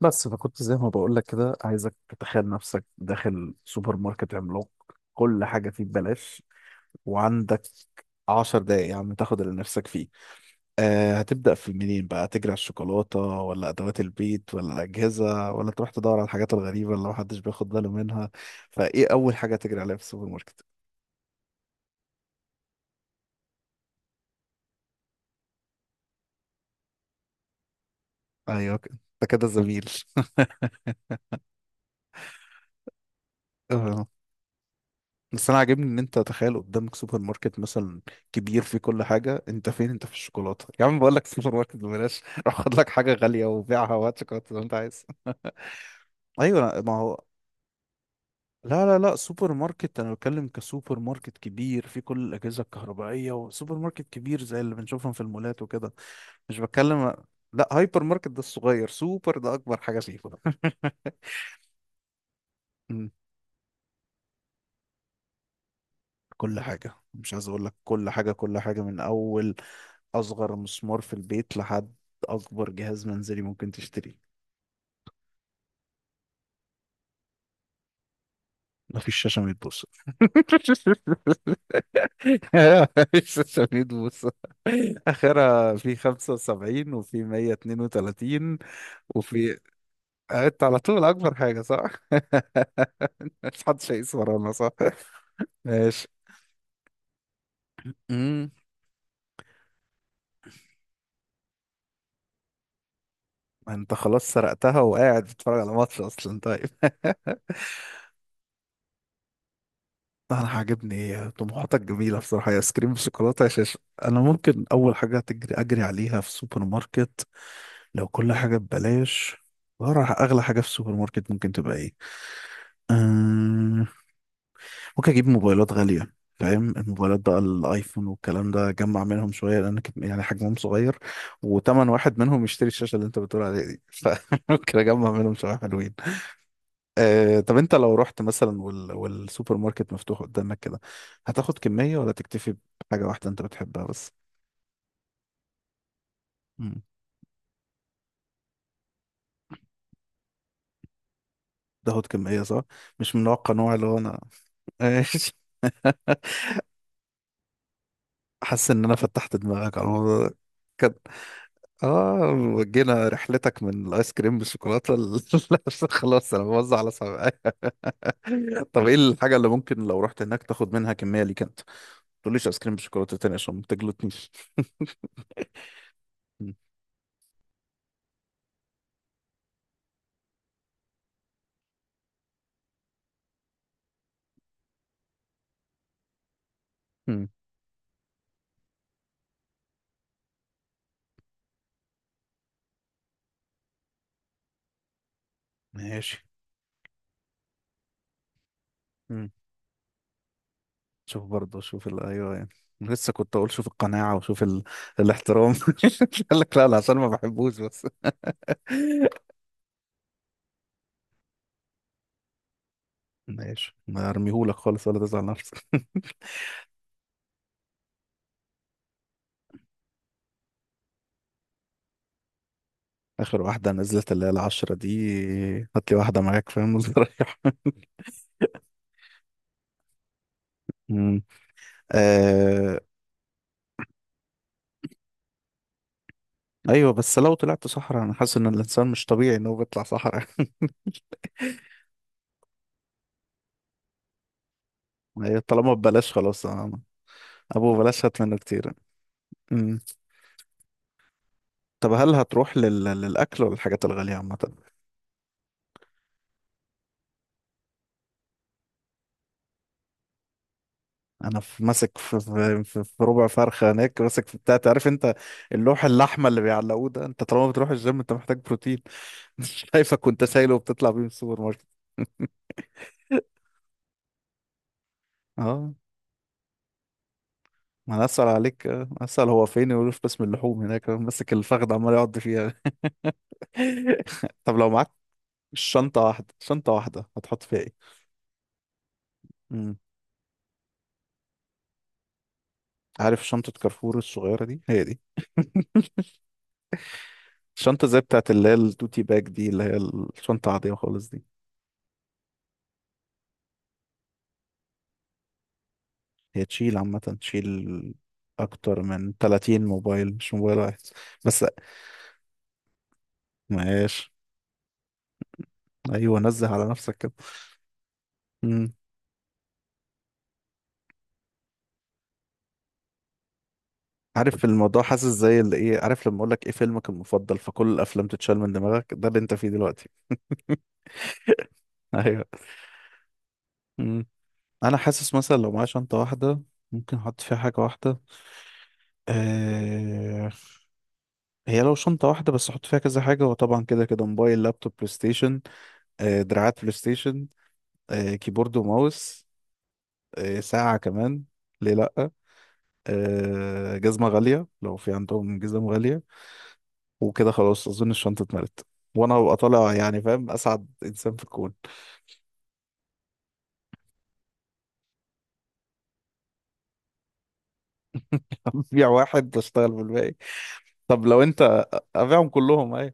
بس فكنت زي ما بقول لك كده، عايزك تتخيل نفسك داخل سوبر ماركت عملاق، كل حاجة فيه ببلاش. وعندك 10 دقايق يا عم تاخد اللي نفسك فيه. هتبدأ في منين بقى؟ تجري على الشوكولاتة ولا أدوات البيت ولا الأجهزة، ولا تروح تدور على الحاجات الغريبة اللي محدش بياخد باله منها؟ فإيه أول حاجة تجري عليها في السوبر ماركت؟ أيوة كده. أنت كده زميل. آه. بس انا عاجبني ان انت تخيل قدامك سوبر ماركت مثلا كبير فيه كل حاجه، انت فين؟ انت في الشوكولاته؟ يا عم بقول لك السوبر ماركت ببلاش. روح خد لك حاجه غاليه وبيعها وهات شوكولاته زي ما انت عايز. ايوه ما هو لا لا لا، سوبر ماركت انا بتكلم، كسوبر ماركت كبير فيه كل الاجهزه الكهربائيه، وسوبر ماركت كبير زي اللي بنشوفهم في المولات وكده. مش بتكلم. لا، هايبر ماركت ده الصغير، سوبر ده اكبر حاجه فيه. مم. كل حاجة، مش عايز اقول لك كل حاجة من اول أصغر مسمار في البيت لحد أكبر جهاز منزلي ممكن تشتريه. مفيش شاشة 100 بوصة. مفيش شاشة 100 بوصة، آخرها في 75 وفي 132. وفي... قعدت على طول أكبر حاجة، صح؟ مش محدش هيقيس ورانا، صح؟ ماشي. امم. انت خلاص سرقتها وقاعد بتتفرج على ماتش اصلا، طيب. لا، انا عاجبني طموحاتك جميله بصراحه، يا ايس كريم بالشوكولاته يا شاشه. انا ممكن اول حاجه تجري، اجري عليها في سوبر ماركت، لو كل حاجه ببلاش، أغلى أغلى حاجة في السوبر ماركت ممكن تبقى إيه؟ أمم، ممكن أجيب موبايلات غالية. فاهم؟ الموبايلات بقى، الآيفون والكلام ده، أجمع منهم شوية لأن يعني حجمهم صغير وتمن واحد منهم يشتري الشاشة اللي أنت بتقول عليها دي. فممكن أجمع منهم شوية حلوين. آه، طب انت لو رحت مثلا والسوبر ماركت مفتوح قدامك كده، هتاخد كمية ولا تكتفي بحاجة واحدة انت بتحبها بس؟ مم. تاخد كمية، صح. مش من نوع القنوع اللي هو انا. ماشي. حاسس ان انا فتحت دماغك على الموضوع ده كده. اه، وجينا رحلتك من الايس كريم بالشوكولاته خلاص، انا بوزع على صحابي. طب ايه الحاجه اللي ممكن لو رحت هناك تاخد منها كميه ليك انت، ما تقوليش ايس كريم بالشوكولاته تاني عشان ما تجلطنيش. مم. مم. ماشي. شوف برضه، شوف ايوه يعني، لسه كنت اقول شوف القناعه وشوف الاحترام. قال لك لا لا عشان ما بحبوش بس. ماشي، ما ارميهولك خالص ولا تزعل نفسك. اخر واحده نزلت اللي هي العشرة دي، هات لي واحده معاك فاهم وتريح. أمم. آه... ايوه، بس لو طلعت صحراء انا حاسس ان الانسان مش طبيعي انه بيطلع صحراء. هي طالما ببلاش خلاص ابو بلاش هات منه كتير. أمم. طب هل هتروح للاكل ولا الحاجات الغاليه عامه؟ انا في ماسك في ربع فرخه هناك، ماسك في بتاع عارف انت؟ اللوح اللحمه اللي بيعلقوه ده، انت طالما بتروح الجيم انت محتاج بروتين. مش شايفك وانت شايله وبتطلع بيه من السوبر ماركت. اه ما انا اسال عليك، آه، اسال هو فين، يقول في قسم اللحوم، هناك أنا ماسك الفخذ عمال يقعد فيها. طب لو معاك شنطه واحده، شنطه واحده، هتحط فيها ايه؟ امم. عارف شنطه كارفور الصغيره دي؟ هي دي الشنطه، زي بتاعت اللي هي التوتي باج دي، اللي هي الشنطه العاديه خالص دي. هي تشيل عامة، تشيل أكتر من 30 موبايل، مش موبايل واحد بس. ماشي. أيوه، نزه على نفسك كده. مم. عارف الموضوع حاسس زي اللي إيه، عارف لما أقول لك إيه فيلمك المفضل، فكل الأفلام تتشال من دماغك، ده اللي أنت فيه دلوقتي. أيوه. مم. أنا حاسس مثلا لو معايا شنطة واحدة، ممكن أحط فيها حاجة واحدة. آه، هي لو شنطة واحدة بس أحط فيها كذا حاجة، وطبعا كده كده موبايل لابتوب بلاي ستيشن، آه، دراعات بلاي ستيشن، آه، كيبورد وماوس، آه، ساعة كمان، ليه لأ، آه، جزمة غالية لو في عندهم جزم غالية. وكده خلاص أظن الشنطة اتملت وأنا هبقى طالع، يعني فاهم، أسعد إنسان في الكون. أبيع واحد بشتغل بالباقي. طب لو أنت أبيعهم كلهم أيوة.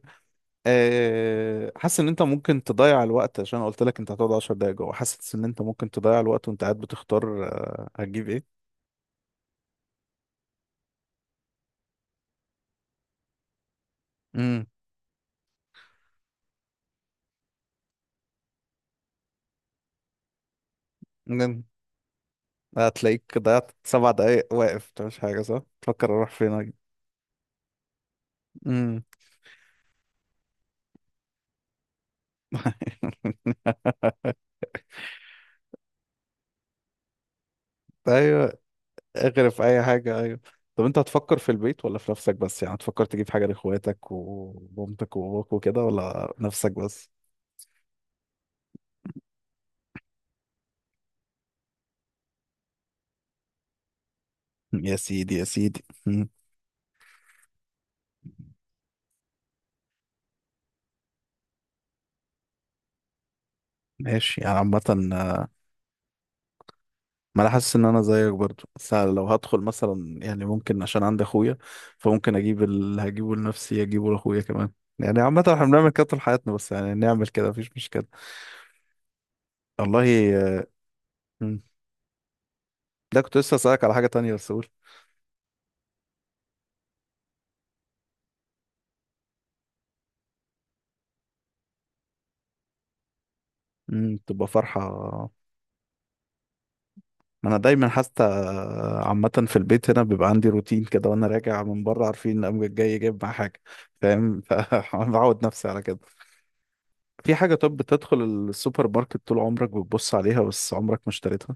آه، حاسس إن أنت ممكن تضيع الوقت، عشان أنا قلت لك أنت هتقعد 10 دقايق جوه، حاسس إن أنت ممكن تضيع الوقت وأنت قاعد بتختار، آه، هتجيب إيه؟ امم. هتلاقيك ضيعت 7 دقايق واقف مش حاجة، صح؟ تفكر أروح فين. أجي. ايوه، اغرف اي حاجه، ايوه. طب انت هتفكر في البيت ولا في نفسك بس، يعني هتفكر تجيب حاجه لاخواتك ومامتك وباباك وكده، ولا نفسك بس؟ يا سيدي يا سيدي، مم. ماشي يعني عامة. آه، ما انا حاسس ان انا زيك برضو، بس أنا لو هدخل مثلا يعني ممكن عشان عندي اخويا، فممكن اجيب اللي هجيبه لنفسي اجيبه لاخويا كمان. يعني عامة احنا بنعمل كده طول حياتنا، بس يعني نعمل كده مفيش مشكلة. والله آه. مم. ده كنت لسه اسألك على حاجة تانية، بس قول. مم، تبقى فرحة. انا دايما حتى، عامة في البيت هنا بيبقى عندي روتين كده، وانا راجع من بره عارفين ان امي جاي جايب معاه حاجة. فاهم؟ فبعود نفسي على كده. في حاجة، طب بتدخل السوبر ماركت طول عمرك بتبص عليها بس عمرك ما اشتريتها؟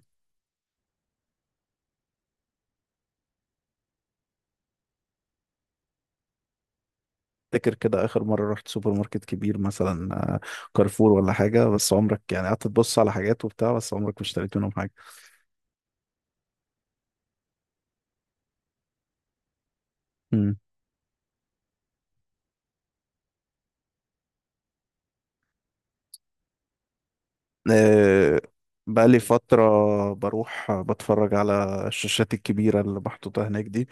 تفتكر كده اخر مرة رحت سوبر ماركت كبير مثلا، آه، كارفور ولا حاجة، بس عمرك يعني قعدت تبص على حاجات وبتاع، بس عمرك ما اشتريت منهم حاجة. مم. آه، بقالي فترة بروح بتفرج على الشاشات الكبيرة اللي محطوطة هناك دي.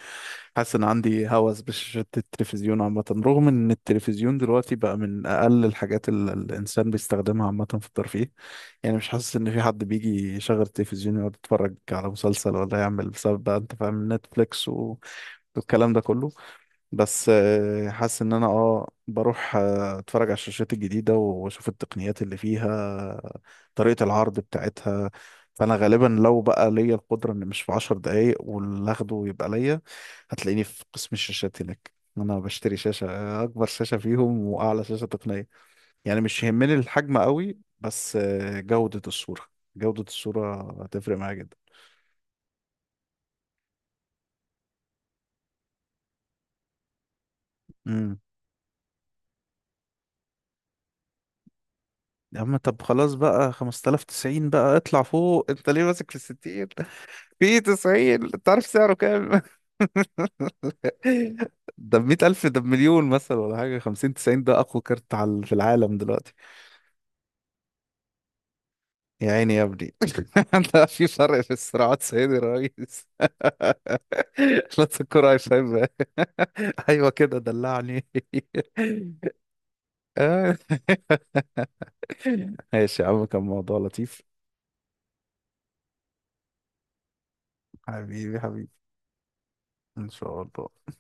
حاسس إن عندي هوس بشاشات التلفزيون عامة، رغم إن التلفزيون دلوقتي بقى من أقل الحاجات اللي الإنسان بيستخدمها عامة في الترفيه. يعني مش حاسس إن في حد بيجي يشغل التلفزيون يقعد يتفرج على مسلسل ولا يعمل، بسبب بقى أنت فاهم نتفليكس والكلام ده كله. بس حاسس ان انا بروح اتفرج على الشاشات الجديدة واشوف التقنيات اللي فيها، طريقة العرض بتاعتها. فانا غالبا لو بقى ليا القدرة، ان مش في 10 دقايق واللي اخده يبقى ليا، هتلاقيني في قسم الشاشات هناك. انا بشتري شاشة، اكبر شاشة فيهم واعلى شاشة تقنية. يعني مش يهمني الحجم قوي، بس جودة الصورة. جودة الصورة هتفرق معايا جدا. امم يا عم طب خلاص بقى 5090، بقى اطلع فوق، انت ليه ماسك في الستين؟ في 90، تعرف سعره كام؟ ده بمية ألف؟ ده بمليون مثلا ولا حاجة. خمسين تسعين ده أقوى كارت على في العالم دلوقتي. يا عيني يا ابني. ده في فرق في الصراعات، سيدي الرئيس. لا تذكر أي، فاهم. أيوة كده، دلعني. آه. ماشي يا عم، كان موضوع لطيف. حبيبي حبيبي، إن شاء الله.